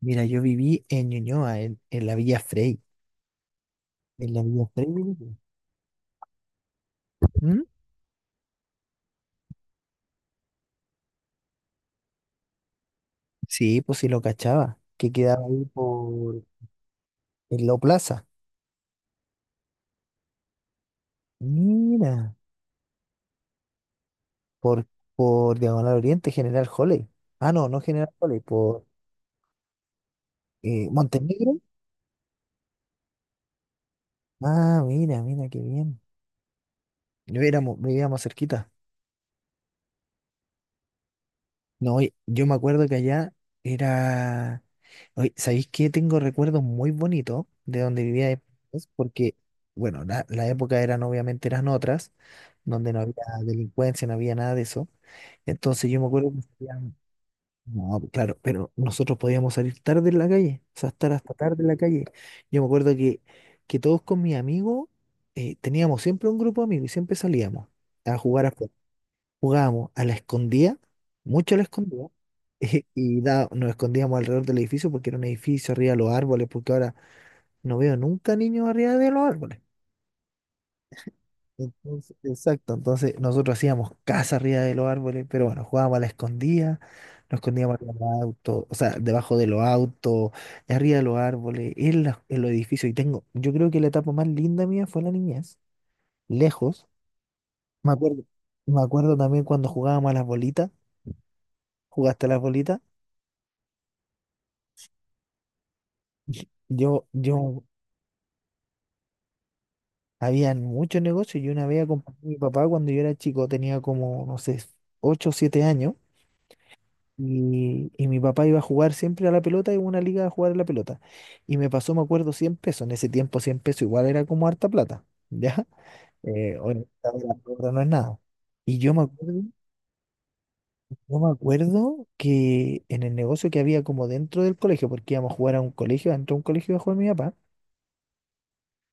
Mira, yo viví en Ñuñoa, en la Villa Frey. En la Villa Frey, viví yo. ¿Mm? Sí, pues sí lo cachaba, que quedaba ahí por en la Plaza. Mira, por, por Diagonal Oriente, General Holley. Ah, no, no General Holley, por Montenegro. Ah, mira, mira, qué bien. Vivíamos cerquita. No, y yo me acuerdo que allá era. Oye, ¿sabéis qué? Tengo recuerdos muy bonitos de donde vivía después, porque, bueno, la época eran obviamente eran otras, donde no había delincuencia, no había nada de eso. Entonces yo me acuerdo que salían. No, pues, claro, pero nosotros podíamos salir tarde en la calle, o sea, estar hasta tarde en la calle. Yo me acuerdo que todos con mis amigos teníamos siempre un grupo de amigos y siempre salíamos a jugar afuera. Jugábamos a la escondida, mucho a la escondida. Nos escondíamos alrededor del edificio porque era un edificio arriba de los árboles, porque ahora no veo nunca niños arriba de los árboles. Entonces, exacto, entonces nosotros hacíamos casa arriba de los árboles, pero bueno, jugábamos a la escondida, nos escondíamos arriba de los autos, o sea, debajo de los autos, arriba de los árboles, en, la- en los edificios. Yo creo que la etapa más linda mía fue la niñez, lejos. Me acuerdo, me acuerdo también cuando jugábamos a las bolitas. ¿Jugaste a las bolitas? Yo, yo, Habían muchos negocios. Yo una vez acompañé a mi papá cuando yo era chico, tenía como, no sé, 8 o 7 años. Y mi papá iba a jugar siempre a la pelota, iba a una liga a jugar a la pelota. Y me pasó, me acuerdo, 100 pesos. En ese tiempo, 100 pesos igual era como harta plata. ¿Ya? Hoy en día la plata no es nada. Y yo me acuerdo que en el negocio que había como dentro del colegio, porque íbamos a jugar a un colegio, dentro de un colegio iba a jugar mi papá.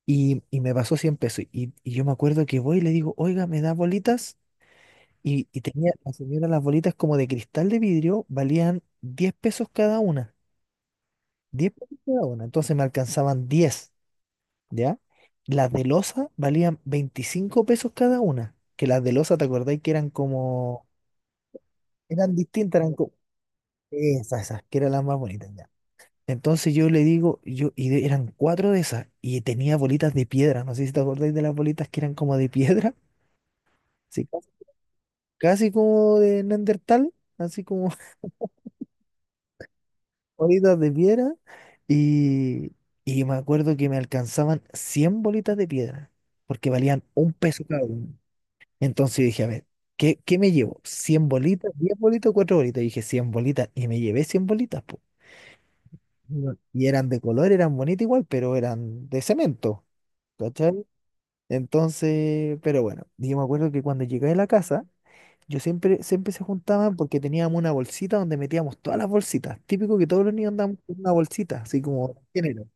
Y me pasó 100 pesos. Y yo me acuerdo que voy y le digo, oiga, ¿me da bolitas? Y tenía la señora las bolitas como de cristal de vidrio, valían 10 pesos cada una. 10 pesos cada una. Entonces me alcanzaban 10. ¿Ya? Las de losa valían 25 pesos cada una. Que las de losa, ¿te acordáis que eran como? Eran distintas, eran como. Esas, esas, que eran las más bonitas, ya. Entonces yo le digo, eran cuatro de esas, y tenía bolitas de piedra, no sé si te acordáis de las bolitas que eran como de piedra. Sí, casi como de Neandertal, así como bolitas de piedra. Y, y me acuerdo que me alcanzaban 100 bolitas de piedra, porque valían 1 peso cada una. Entonces dije, a ver, ¿qué me llevo? ¿100 bolitas? ¿10 bolitas o 4 bolitas? Y dije, 100 bolitas. Y me llevé 100 bolitas, po. Bueno. Y eran de color, eran bonitas igual, pero eran de cemento, ¿cachai? Entonces, pero bueno, yo me acuerdo que cuando llegué a la casa, yo siempre, siempre se juntaban porque teníamos una bolsita donde metíamos todas las bolsitas. Típico que todos los niños andaban con una bolsita, así como género,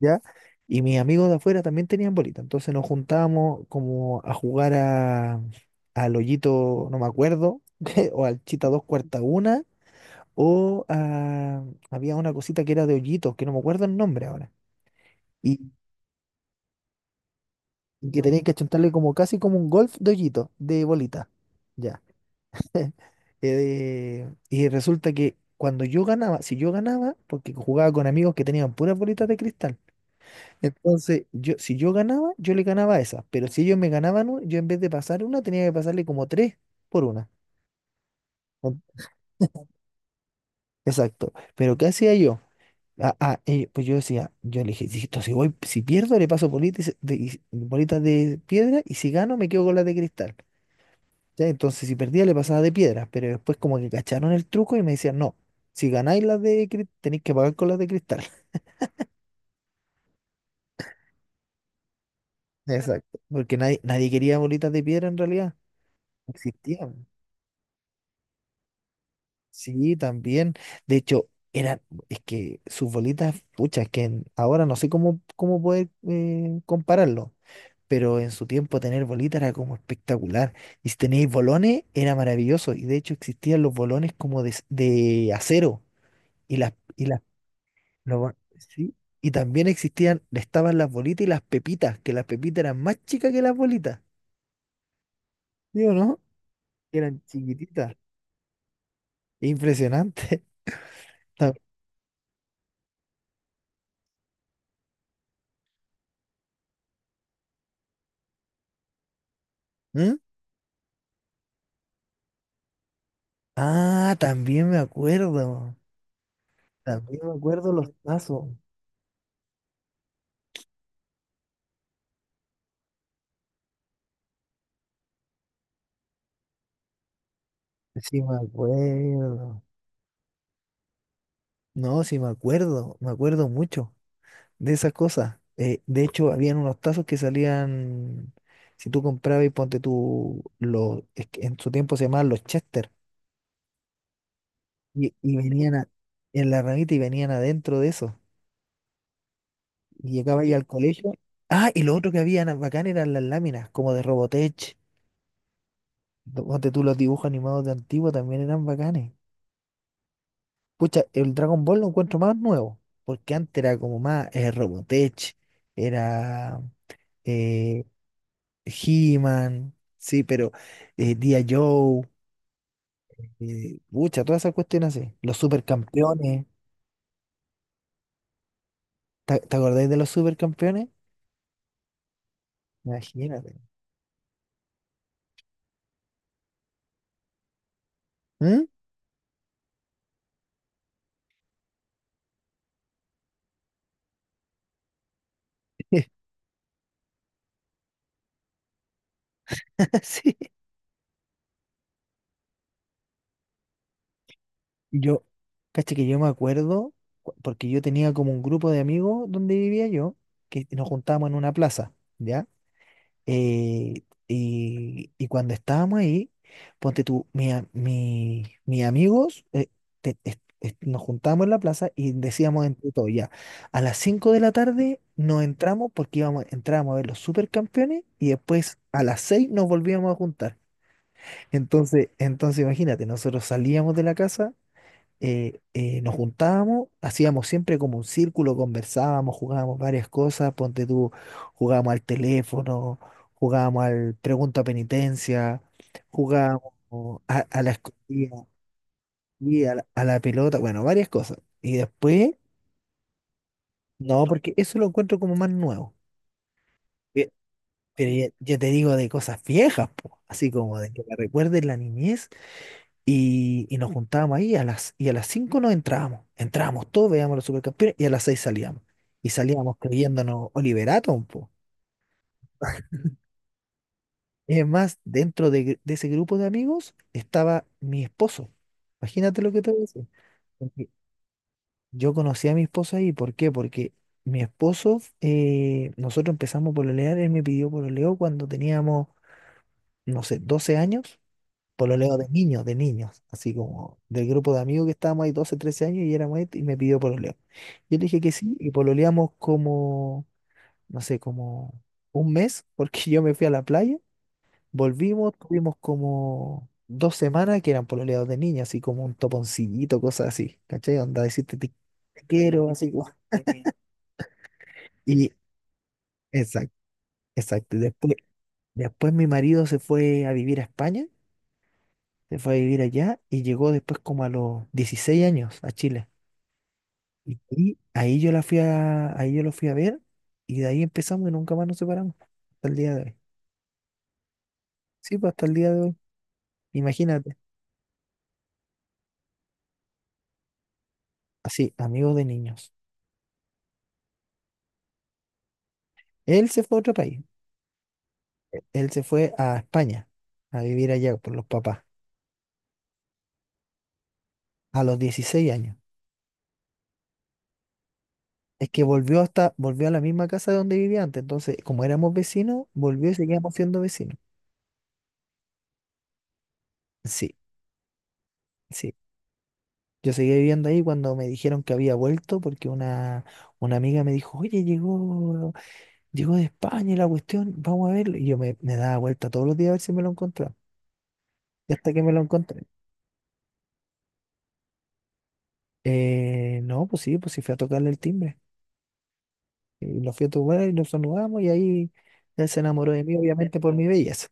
¿ya? Y mis amigos de afuera también tenían bolita. Entonces nos juntábamos como a jugar a, al hoyito, no me acuerdo, o al chita dos cuarta una, o a- había una cosita que era de hoyitos, que no me acuerdo el nombre ahora. Y, y que tenían que achuntarle como casi como un golf de hoyito, de bolita. Ya. Y resulta que cuando yo ganaba, si yo ganaba, porque jugaba con amigos que tenían puras bolitas de cristal, entonces yo, si yo ganaba, yo le ganaba a esa, pero si ellos me ganaban, yo en vez de pasar una, tenía que pasarle como tres por una. En- Exacto. Pero ¿qué hacía yo? Pues yo decía, yo le dije, "Listo, si voy, si pierdo, le paso bolitas de, bolitas de piedra y si gano, me quedo con las de cristal. ¿Cachai? Entonces, si perdía, le pasaba de piedras, pero después como que cacharon el truco y me decían, no, si ganáis las de cristal, tenéis que pagar con las de cristal. Exacto. Porque nadie, nadie quería bolitas de piedra en realidad. No existían. Sí, también. De hecho, eran, es que sus bolitas, pucha, es que ahora no sé cómo, poder compararlo. Pero en su tiempo tener bolitas era como espectacular. Y si tenéis bolones, era maravilloso. Y de hecho existían los bolones como de acero. Y las Lo bu- sí. Y también existían, estaban las bolitas y las pepitas, que las pepitas eran más chicas que las bolitas. ¿Sí o no? Eran chiquititas. Impresionante. Ta- ¿Mm? Ah, también me acuerdo. También me acuerdo los tazos. Sí, me acuerdo. No, sí, me acuerdo. Me acuerdo mucho de esas cosas. De hecho, habían unos tazos que salían. Si tú comprabas y ponte tú, es que en su tiempo se llamaban los Chester. Y venían en la ramita y venían adentro de eso. Y llegaba ahí al colegio. Ah, y lo otro que había bacán eran las láminas, como de Robotech. Ponte tú los dibujos animados de antiguo también eran bacanes. Pucha, el Dragon Ball lo encuentro más nuevo, porque antes era como más Robotech, era eh, He-Man, sí, pero G.I. Joe, pucha, todas esas cuestiones así. Los supercampeones, ¿te acordáis de los supercampeones? Imagínate. ¿Mm? Sí. Yo, Caché que yo me acuerdo, porque yo tenía como un grupo de amigos donde vivía yo, que nos juntábamos en una plaza, ¿ya? Y cuando estábamos ahí, ponte tú, mis amigos, nos juntábamos en la plaza y decíamos entre todos, ya, a las 5 de la tarde nos entramos porque entrábamos a ver los supercampeones y después a las 6 nos volvíamos a juntar. Entonces imagínate, nosotros salíamos de la casa nos juntábamos, hacíamos siempre como un círculo, conversábamos, jugábamos varias cosas, ponte tú, jugábamos al teléfono, jugábamos al pregunta penitencia, jugábamos a la escondida y a la pelota, bueno, varias cosas. Y después, no, porque eso lo encuentro como más nuevo. Eh, Pero ya, ya te digo de cosas viejas, po, así como de que me recuerden la niñez. Y nos juntábamos ahí a y a las 5 nos entrábamos. Entrábamos todos, veíamos los supercampeones y a las 6 salíamos. Y salíamos creyéndonos Oliverato un poco. Es más, dentro de ese grupo de amigos estaba mi esposo. Imagínate lo que te voy a decir. Porque yo conocí a mi esposo ahí. ¿Por qué? Porque mi esposo, nosotros empezamos por pololear, él me pidió pololeó cuando teníamos, no sé, 12 años. Pololeo de niños, así como del grupo de amigos que estábamos ahí 12 13 años y éramos este, y me pidió pololeo. Yo le dije que sí y pololeamos como, no sé, como un mes, porque yo me fui a la playa, volvimos, tuvimos como 2 semanas que eran pololeos de niños, así como un toponcillito, cosas así, ¿cachai? Onda, decirte te quiero, así como. Y exacto, exacto. Y después mi marido se fue a vivir a España, se fue a vivir allá y llegó después como a los 16 años a Chile. Y ahí yo lo fui a ver y de ahí empezamos y nunca más nos separamos. Hasta el día de hoy. Sí, pues hasta el día de hoy. Imagínate. Así, amigos de niños. Él se fue a otro país. Él se fue a España a vivir allá por los papás a los 16 años. Es que volvió a la misma casa donde vivía antes. Entonces, como éramos vecinos, volvió y seguíamos siendo vecinos. Sí, sí. Yo seguí viviendo ahí cuando me dijeron que había vuelto porque una amiga me dijo, oye, llegó de España y la cuestión, vamos a verlo. Y yo me daba vuelta todos los días a ver si me lo encontraba. Y hasta que me lo encontré. No, pues sí fui a tocarle el timbre. Y lo fui a tocar y nos saludamos y ahí él se enamoró de mí, obviamente por mi belleza.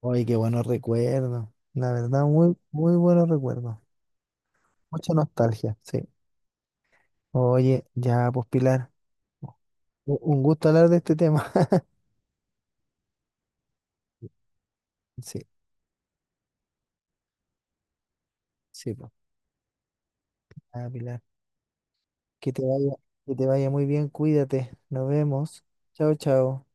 Oye, qué buenos recuerdos. La verdad, muy, muy buenos recuerdos. Mucha nostalgia, sí. Oye, ya, pues Pilar, un gusto hablar de este tema. Sí, sí, pues. Ah, Pilar, que te vaya, que te vaya muy bien, cuídate. Nos vemos. Chao, chao.